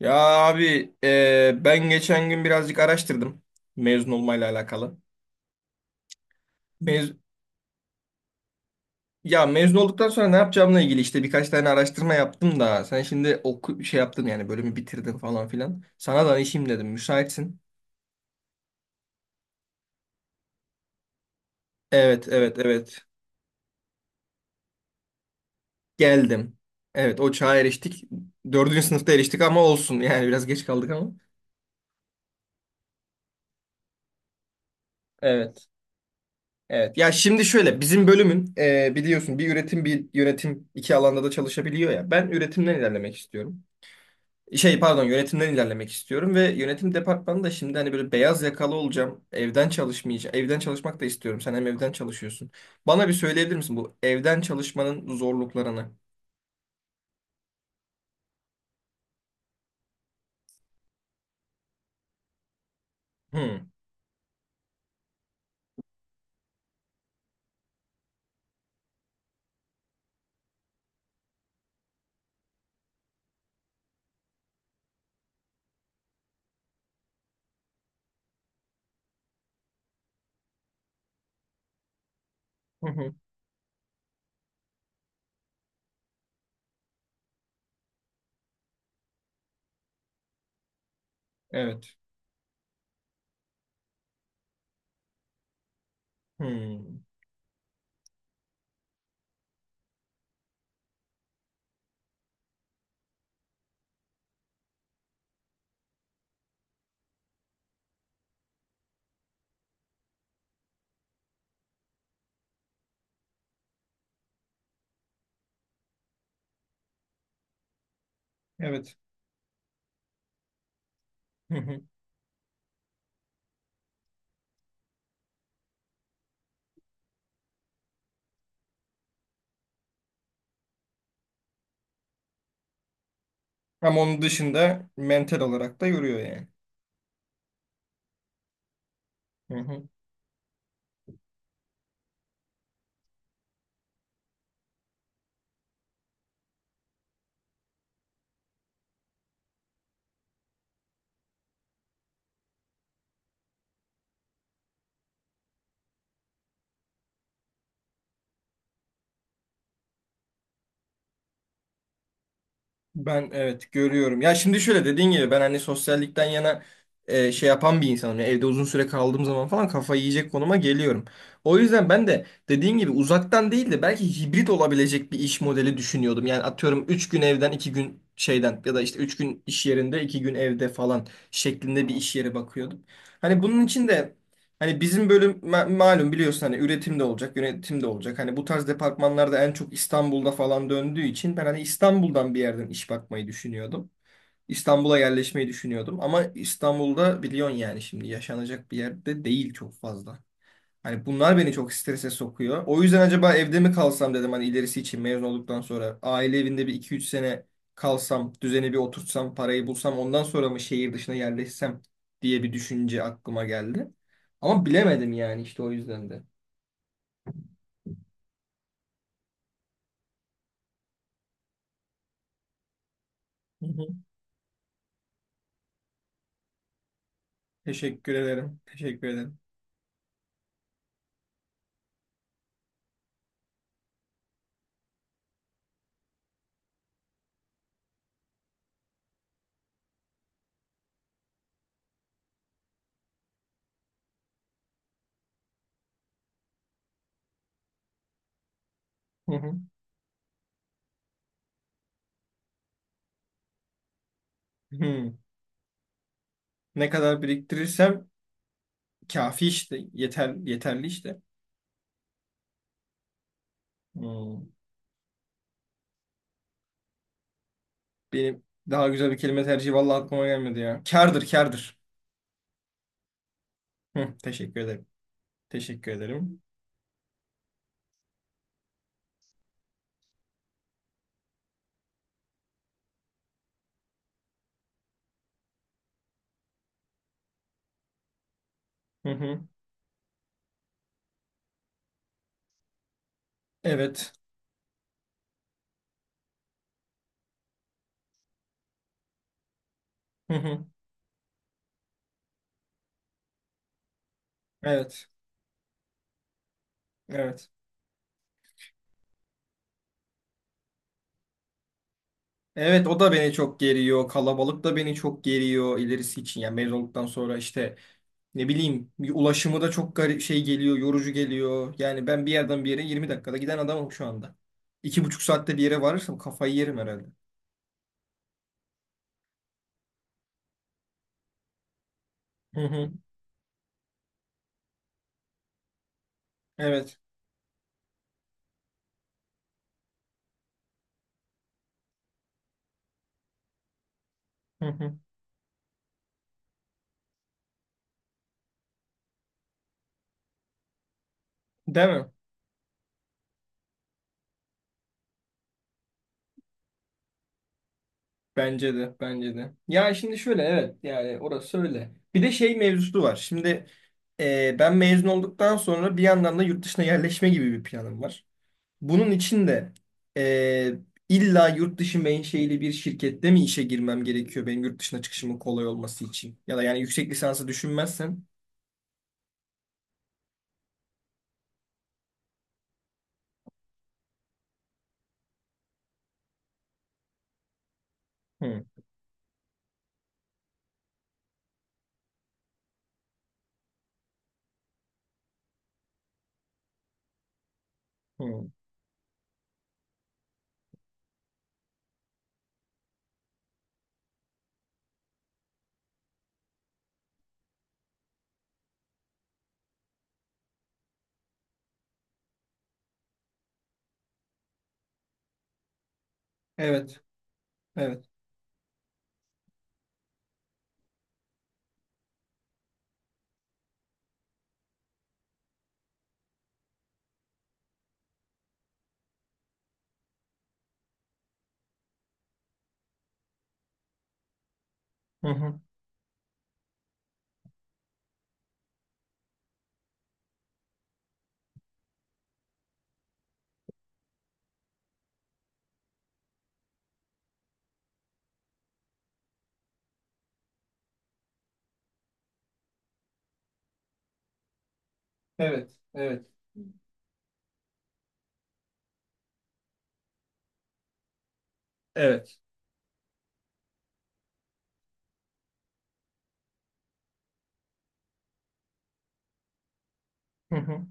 Ya abi ben geçen gün birazcık araştırdım mezun olmayla alakalı. Mez ya mezun olduktan sonra ne yapacağımla ilgili işte birkaç tane araştırma yaptım da sen şimdi oku şey yaptın yani bölümü bitirdin falan filan. Sana danışayım dedim müsaitsin. Evet, evet, evet, geldim. Evet, o çağa eriştik. Dördüncü sınıfta eriştik ama olsun yani biraz geç kaldık ama. Evet, evet. Ya şimdi şöyle bizim bölümün biliyorsun bir üretim bir yönetim iki alanda da çalışabiliyor ya. Ben üretimden ilerlemek istiyorum. Şey, pardon, yönetimden ilerlemek istiyorum ve yönetim departmanı da şimdi hani böyle beyaz yakalı olacağım. Evden çalışmayacağım. Evden çalışmak da istiyorum. Sen hem evden çalışıyorsun. Bana bir söyleyebilir misin bu evden çalışmanın zorluklarını? Hmm. Hı hı. Evet. Hmm. Evet. Hı hı. Ama onun dışında mental olarak da yoruyor yani. Hı hı. Ben evet görüyorum. Ya şimdi şöyle dediğin gibi ben hani sosyallikten yana şey yapan bir insanım. Yani evde uzun süre kaldığım zaman falan kafayı yiyecek konuma geliyorum. O yüzden ben de dediğin gibi uzaktan değil de belki hibrit olabilecek bir iş modeli düşünüyordum. Yani atıyorum 3 gün evden 2 gün şeyden ya da işte 3 gün iş yerinde 2 gün evde falan şeklinde bir iş yeri bakıyordum. Hani bunun için de hani bizim bölüm malum biliyorsun hani üretim de olacak, yönetim de olacak. Hani bu tarz departmanlarda en çok İstanbul'da falan döndüğü için ben hani İstanbul'dan bir yerden iş bakmayı düşünüyordum. İstanbul'a yerleşmeyi düşünüyordum ama İstanbul'da biliyorsun yani şimdi yaşanacak bir yerde değil çok fazla. Hani bunlar beni çok strese sokuyor. O yüzden acaba evde mi kalsam dedim hani ilerisi için mezun olduktan sonra. Aile evinde bir iki üç sene kalsam, düzeni bir oturtsam, parayı bulsam ondan sonra mı şehir dışına yerleşsem diye bir düşünce aklıma geldi. Ama bilemedim yani işte o yüzden de. Hı hı. Teşekkür ederim. Teşekkür ederim. Hı hı. Hı. Ne kadar biriktirirsem kafi işte. Yeter, yeterli işte. Hı. Benim daha güzel bir kelime tercihi vallahi aklıma gelmedi ya. Kârdır, kârdır. Hı, teşekkür ederim. Teşekkür ederim. Hı hı. Evet. Hı hı. Evet. Evet. Evet, o da beni çok geriyor. Kalabalık da beni çok geriyor ilerisi için. Yani mezunluktan sonra işte ne bileyim bir ulaşımı da çok garip şey geliyor, yorucu geliyor. Yani ben bir yerden bir yere 20 dakikada giden adamım şu anda. İki buçuk saatte bir yere varırsam kafayı yerim herhalde. Hı hı. Evet. Hı hı. Değil mi? Bence de, bence de. Ya şimdi şöyle evet yani orası öyle. Bir de şey mevzusu var. Şimdi ben mezun olduktan sonra bir yandan da yurt dışına yerleşme gibi bir planım var. Bunun için de e, illa yurt dışı menşeili bir şirkette mi işe girmem gerekiyor benim yurt dışına çıkışımın kolay olması için? Ya da yani yüksek lisansı düşünmezsen. Hı, hı. Evet, evet. Hı hı. Evet, evet. Evet. Hı hı.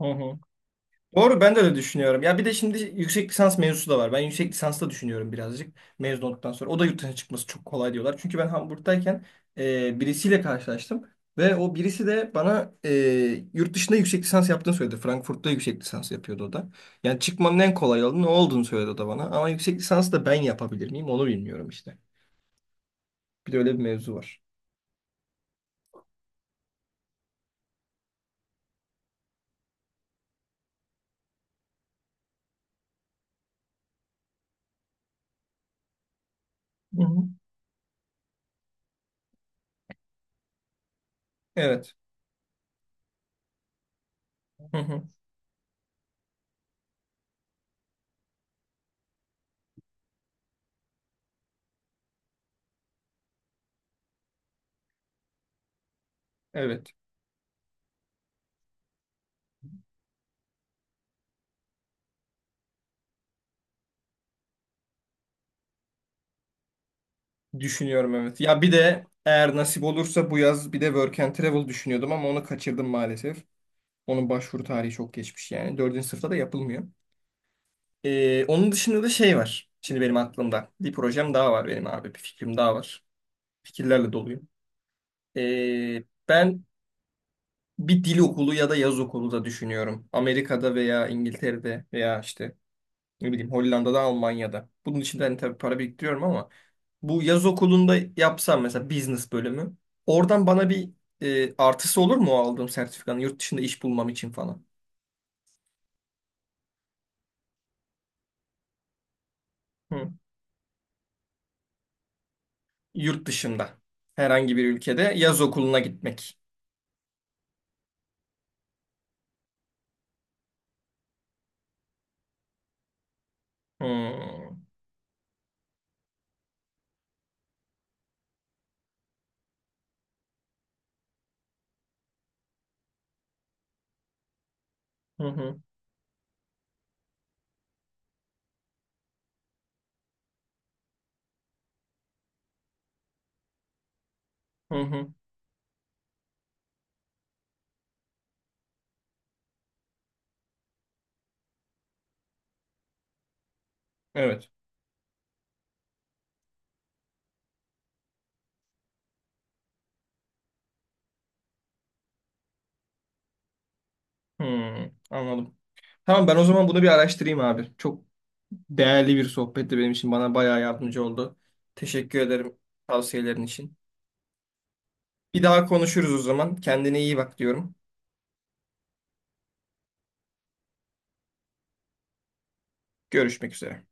Hı hı. Doğru, ben de öyle düşünüyorum. Ya bir de şimdi yüksek lisans mevzusu da var. Ben yüksek lisans da düşünüyorum birazcık mezun olduktan sonra. O da yurt dışına çıkması çok kolay diyorlar. Çünkü ben Hamburg'dayken birisiyle karşılaştım. Ve o birisi de bana yurt dışında yüksek lisans yaptığını söyledi. Frankfurt'ta yüksek lisans yapıyordu o da. Yani çıkmanın en kolay yolu ne olduğunu söyledi o da bana. Ama yüksek lisans da ben yapabilir miyim onu bilmiyorum işte. Bir de öyle bir mevzu var. Hı hı. Evet. Hı hı. Evet. Düşünüyorum, evet. Ya bir de eğer nasip olursa bu yaz bir de Work and Travel düşünüyordum ama onu kaçırdım maalesef. Onun başvuru tarihi çok geçmiş yani. Dördüncü sınıfta da yapılmıyor. Onun dışında da şey var. Şimdi benim aklımda. Bir projem daha var benim abi. Bir fikrim daha var. Fikirlerle doluyum. Ben bir dil okulu ya da yaz okulu da düşünüyorum. Amerika'da veya İngiltere'de veya işte ne bileyim Hollanda'da, Almanya'da. Bunun için de hani tabii para biriktiriyorum ama bu yaz okulunda yapsam mesela business bölümü. Oradan bana bir artısı olur mu o aldığım sertifikanın yurt dışında iş bulmam için falan? Hı. Yurt dışında herhangi bir ülkede yaz okuluna gitmek. Hı. Hı hı. Hı hı. Evet. Hı. Anladım. Tamam, ben o zaman bunu bir araştırayım abi. Çok değerli bir sohbetti benim için. Bana bayağı yardımcı oldu. Teşekkür ederim tavsiyelerin için. Bir daha konuşuruz o zaman. Kendine iyi bak diyorum. Görüşmek üzere.